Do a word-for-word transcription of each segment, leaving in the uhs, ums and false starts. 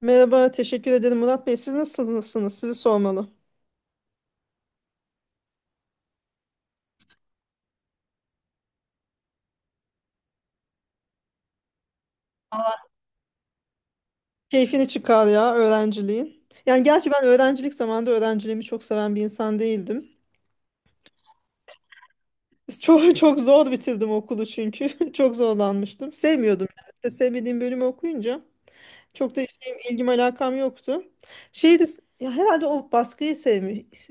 Merhaba, teşekkür ederim Murat Bey. Siz nasılsınız? Sizi sormalı. Keyfini çıkar ya öğrenciliğin. Yani gerçi ben öğrencilik zamanında öğrenciliğimi çok seven bir insan değildim. Çok çok zor bitirdim okulu çünkü. Çok zorlanmıştım. Sevmiyordum. Yani. işte sevmediğim bölümü okuyunca çok da işim, ilgim alakam yoktu. Şeydi ya herhalde o baskıyı sevmiş.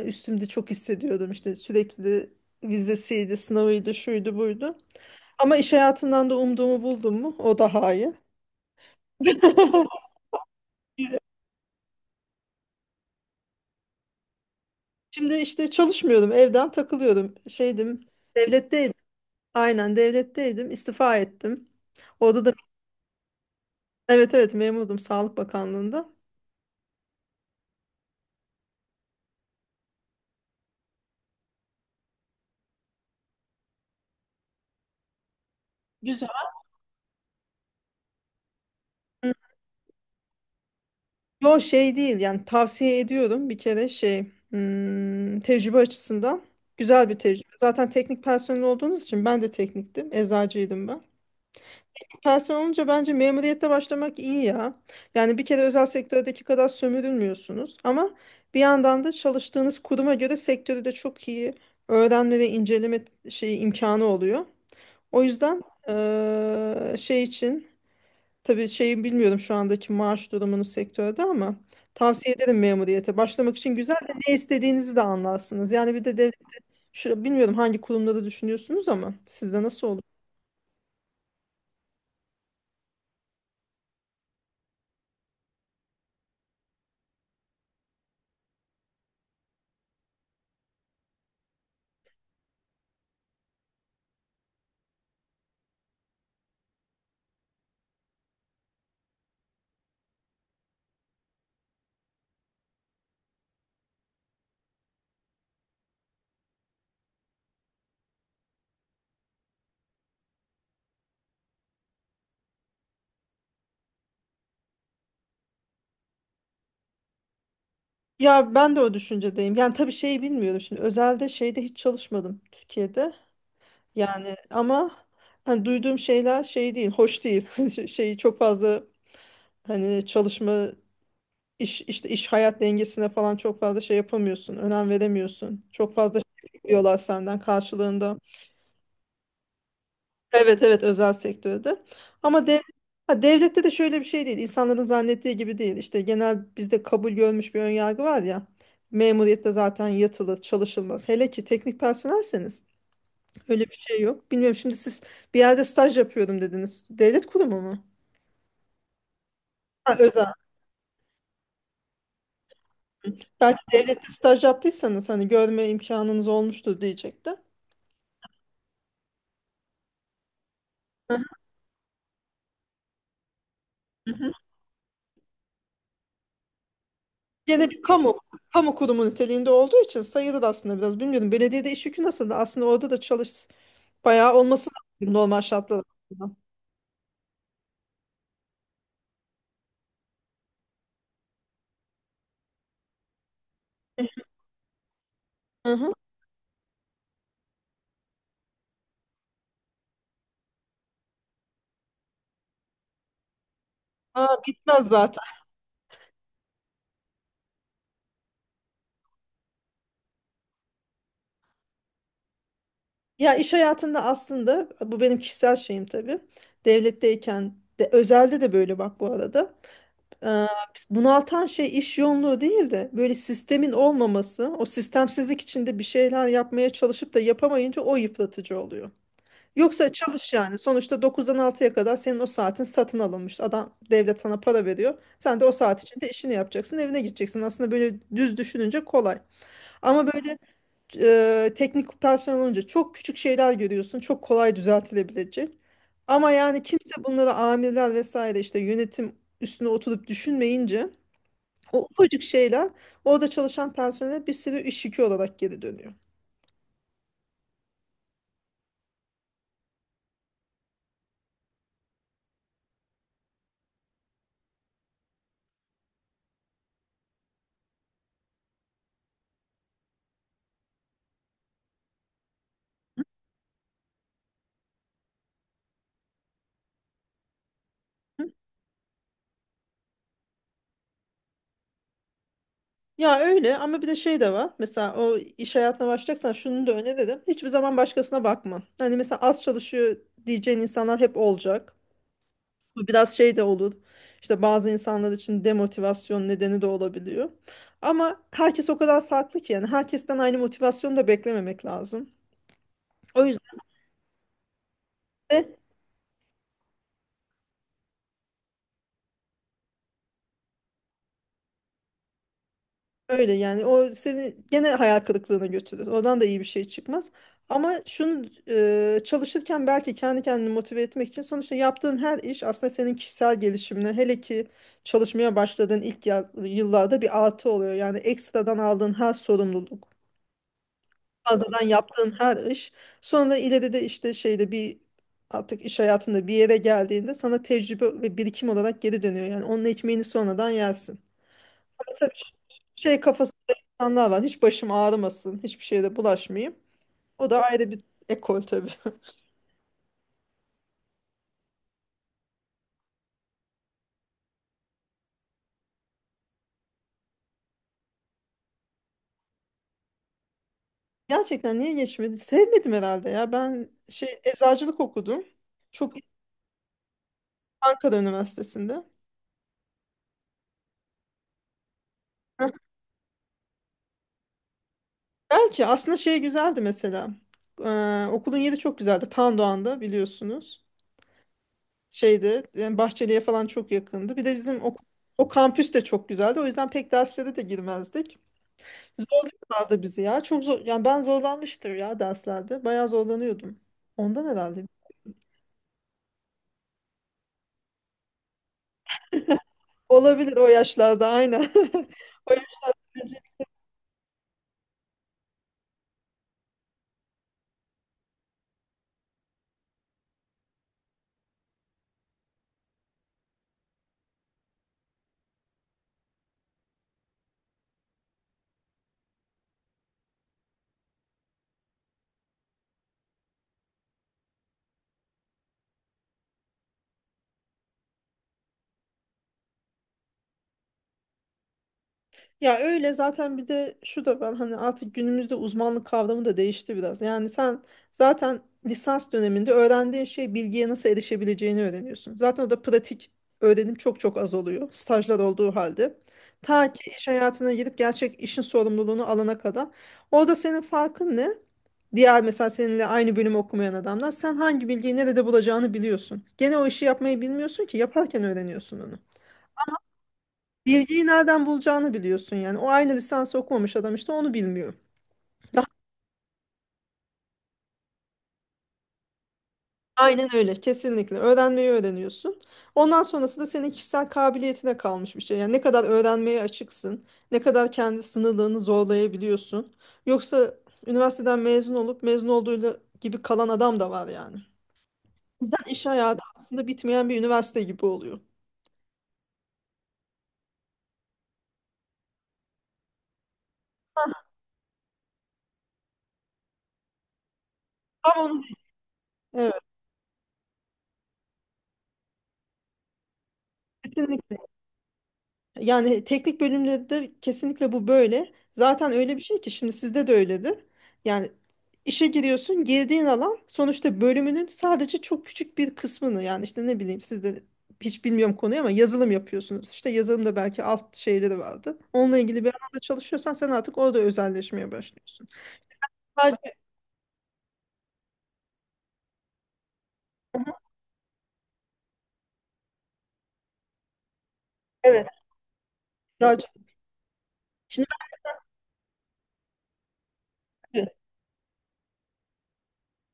e, Üstümde çok hissediyordum. İşte sürekli vizesiydi, sınavıydı, şuydu, buydu. Ama iş hayatından da umduğumu buldum mu? O daha iyi. Şimdi işte çalışmıyordum, evden takılıyordum. Şeydim, devletteydim. Aynen devletteydim, istifa ettim. Orada da evet evet memurdum Sağlık Bakanlığı'nda. Güzel. Hmm. Yo şey değil yani tavsiye ediyorum bir kere şey. Hmm, tecrübe açısından güzel bir tecrübe. Zaten teknik personel olduğunuz için ben de tekniktim, eczacıydım ben. Tersen olunca bence memuriyette başlamak iyi ya. Yani bir kere özel sektördeki kadar sömürülmüyorsunuz ama bir yandan da çalıştığınız kuruma göre sektörü de çok iyi öğrenme ve inceleme şeyi imkanı oluyor. O yüzden eee, şey için tabii şeyi bilmiyorum şu andaki maaş durumunu sektörde ama tavsiye ederim memuriyete. Başlamak için güzel de ne istediğinizi de anlarsınız. Yani bir de dev- şu, bilmiyorum hangi kurumları düşünüyorsunuz ama sizde nasıl. Ya ben de o düşüncedeyim. Yani tabii şeyi bilmiyorum şimdi. Özelde şeyde hiç çalışmadım Türkiye'de. Yani ama hani duyduğum şeyler şey değil, hoş değil. Şeyi çok fazla hani çalışma iş işte iş hayat dengesine falan çok fazla şey yapamıyorsun. Önem veremiyorsun. Çok fazla şey bekliyorlar senden karşılığında. Evet evet özel sektörde. Ama dev, ha, devlette de şöyle bir şey değil. İnsanların zannettiği gibi değil. İşte genel bizde kabul görmüş bir önyargı var ya. Memuriyette zaten yatılır, çalışılmaz. Hele ki teknik personelseniz öyle bir şey yok. Bilmiyorum şimdi siz bir yerde staj yapıyorum dediniz. Devlet kurumu mu? Ha, özel. Belki devlette staj yaptıysanız hani görme imkanınız olmuştur diyecektim. Hı hı. Gene bir kamu, kamu kurumu niteliğinde olduğu için sayılır aslında biraz. Bilmiyorum belediyede iş yükü nasıl? Aslında orada da çalış bayağı olması lazım normal şartlar altında. Hı hı. Aa, bitmez zaten. Ya iş hayatında aslında bu benim kişisel şeyim tabii. Devletteyken de özelde de böyle bak bu arada. Ee, bunaltan şey iş yoğunluğu değil de böyle sistemin olmaması, o sistemsizlik içinde bir şeyler yapmaya çalışıp da yapamayınca o yıpratıcı oluyor. Yoksa çalış yani. Sonuçta dokuzdan altıya kadar senin o saatin satın alınmış. Adam devlet sana para veriyor. Sen de o saat içinde işini yapacaksın, evine gideceksin. Aslında böyle düz düşününce kolay. Ama böyle e, teknik personel olunca çok küçük şeyler görüyorsun. Çok kolay düzeltilebilecek. Ama yani kimse bunları amirler vesaire işte yönetim üstüne oturup düşünmeyince o ufacık şeyler orada çalışan personele bir sürü iş yükü olarak geri dönüyor. Ya öyle ama bir de şey de var. Mesela o iş hayatına başlayacaksan şunu da öneririm. Hiçbir zaman başkasına bakma. Hani mesela az çalışıyor diyeceğin insanlar hep olacak. Bu biraz şey de olur. İşte bazı insanlar için demotivasyon nedeni de olabiliyor. Ama herkes o kadar farklı ki yani herkesten aynı motivasyonu da beklememek lazım. O yüzden de öyle yani o seni gene hayal kırıklığına götürür. Oradan da iyi bir şey çıkmaz. Ama şunu e, çalışırken belki kendi kendini motive etmek için sonuçta yaptığın her iş aslında senin kişisel gelişimine hele ki çalışmaya başladığın ilk ya- yıllarda bir artı oluyor. Yani ekstradan aldığın her sorumluluk, fazladan yaptığın her iş sonra ileride de işte şeyde bir artık iş hayatında bir yere geldiğinde sana tecrübe ve birikim olarak geri dönüyor. Yani onun ekmeğini sonradan yersin. Şey kafasında insanlar var. Hiç başım ağrımasın. Hiçbir şeyde bulaşmayayım. O da ayrı bir ekol tabii. Gerçekten niye geçmedi? Sevmedim herhalde ya. Ben şey eczacılık okudum. Çok. Ankara Üniversitesi'nde. Heh. Belki aslında şey güzeldi mesela. Ee, okulun yeri çok güzeldi. Tandoğan'da biliyorsunuz. Şeyde yani Bahçeli'ye falan çok yakındı. Bir de bizim o, o kampüs de çok güzeldi. O yüzden pek derslere de girmezdik. Zorluyorlardı bizi ya. Çok zor. Yani ben zorlanmıştır ya derslerde. Bayağı zorlanıyordum. Ondan herhalde. Olabilir o yaşlarda aynen. O. Ya öyle zaten bir de şu da ben hani artık günümüzde uzmanlık kavramı da değişti biraz. Yani sen zaten lisans döneminde öğrendiğin şey bilgiye nasıl erişebileceğini öğreniyorsun. Zaten o da pratik öğrenim çok çok az oluyor stajlar olduğu halde. Ta ki iş hayatına girip gerçek işin sorumluluğunu alana kadar. Orada senin farkın ne? Diğer mesela seninle aynı bölümü okumayan adamlar sen hangi bilgiyi nerede bulacağını biliyorsun. Gene o işi yapmayı bilmiyorsun ki yaparken öğreniyorsun onu. Bilgiyi nereden bulacağını biliyorsun yani. O aynı lisans okumamış adam işte onu bilmiyor. Daha- Aynen öyle. Kesinlikle. Öğrenmeyi öğreniyorsun. Ondan sonrası da senin kişisel kabiliyetine kalmış bir şey. Yani ne kadar öğrenmeye açıksın, ne kadar kendi sınırlarını zorlayabiliyorsun. Yoksa üniversiteden mezun olup mezun olduğuyla gibi kalan adam da var yani. Güzel iş hayatı aslında bitmeyen bir üniversite gibi oluyor. Tam onu. Evet. Kesinlikle. Yani teknik bölümde de kesinlikle bu böyle. Zaten öyle bir şey ki şimdi sizde de öyledir. Yani işe giriyorsun, girdiğin alan sonuçta bölümünün sadece çok küçük bir kısmını yani işte ne bileyim sizde hiç bilmiyorum konuyu ama yazılım yapıyorsunuz. İşte yazılımda belki alt şeyleri vardı. Onunla ilgili bir alanda çalışıyorsan sen artık orada özelleşmeye başlıyorsun. Sadece- Evet. Sadece- Şimdi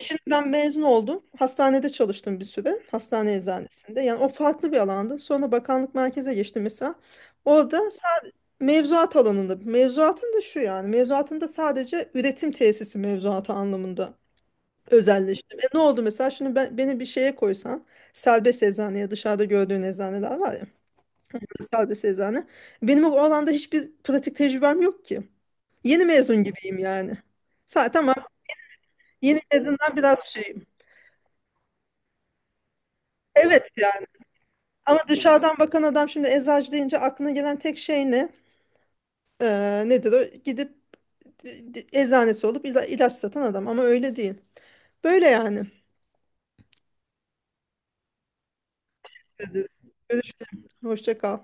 Şimdi ben mezun oldum. Hastanede çalıştım bir süre. Hastane eczanesinde. Yani o farklı bir alandı. Sonra bakanlık merkeze geçtim mesela. Orada sadece mevzuat alanında. Mevzuatın da şu yani. Mevzuatın da sadece üretim tesisi mevzuatı anlamında özelleştim. E ne oldu mesela? Şimdi ben, beni bir şeye koysan serbest eczaneye dışarıda gördüğün eczaneler var ya. Serbest eczane. Benim o alanda hiçbir pratik tecrübem yok ki. Yeni mezun gibiyim yani. Sa- Tamam. Yeni mezundan biraz şeyim. Evet. Ama dışarıdan bakan adam şimdi eczacı deyince aklına gelen tek şey ne? Ee, nedir o? Gidip d- d- eczanesi olup ila- ilaç satan adam ama öyle değil. Böyle yani. Görüş- Hoşça kal.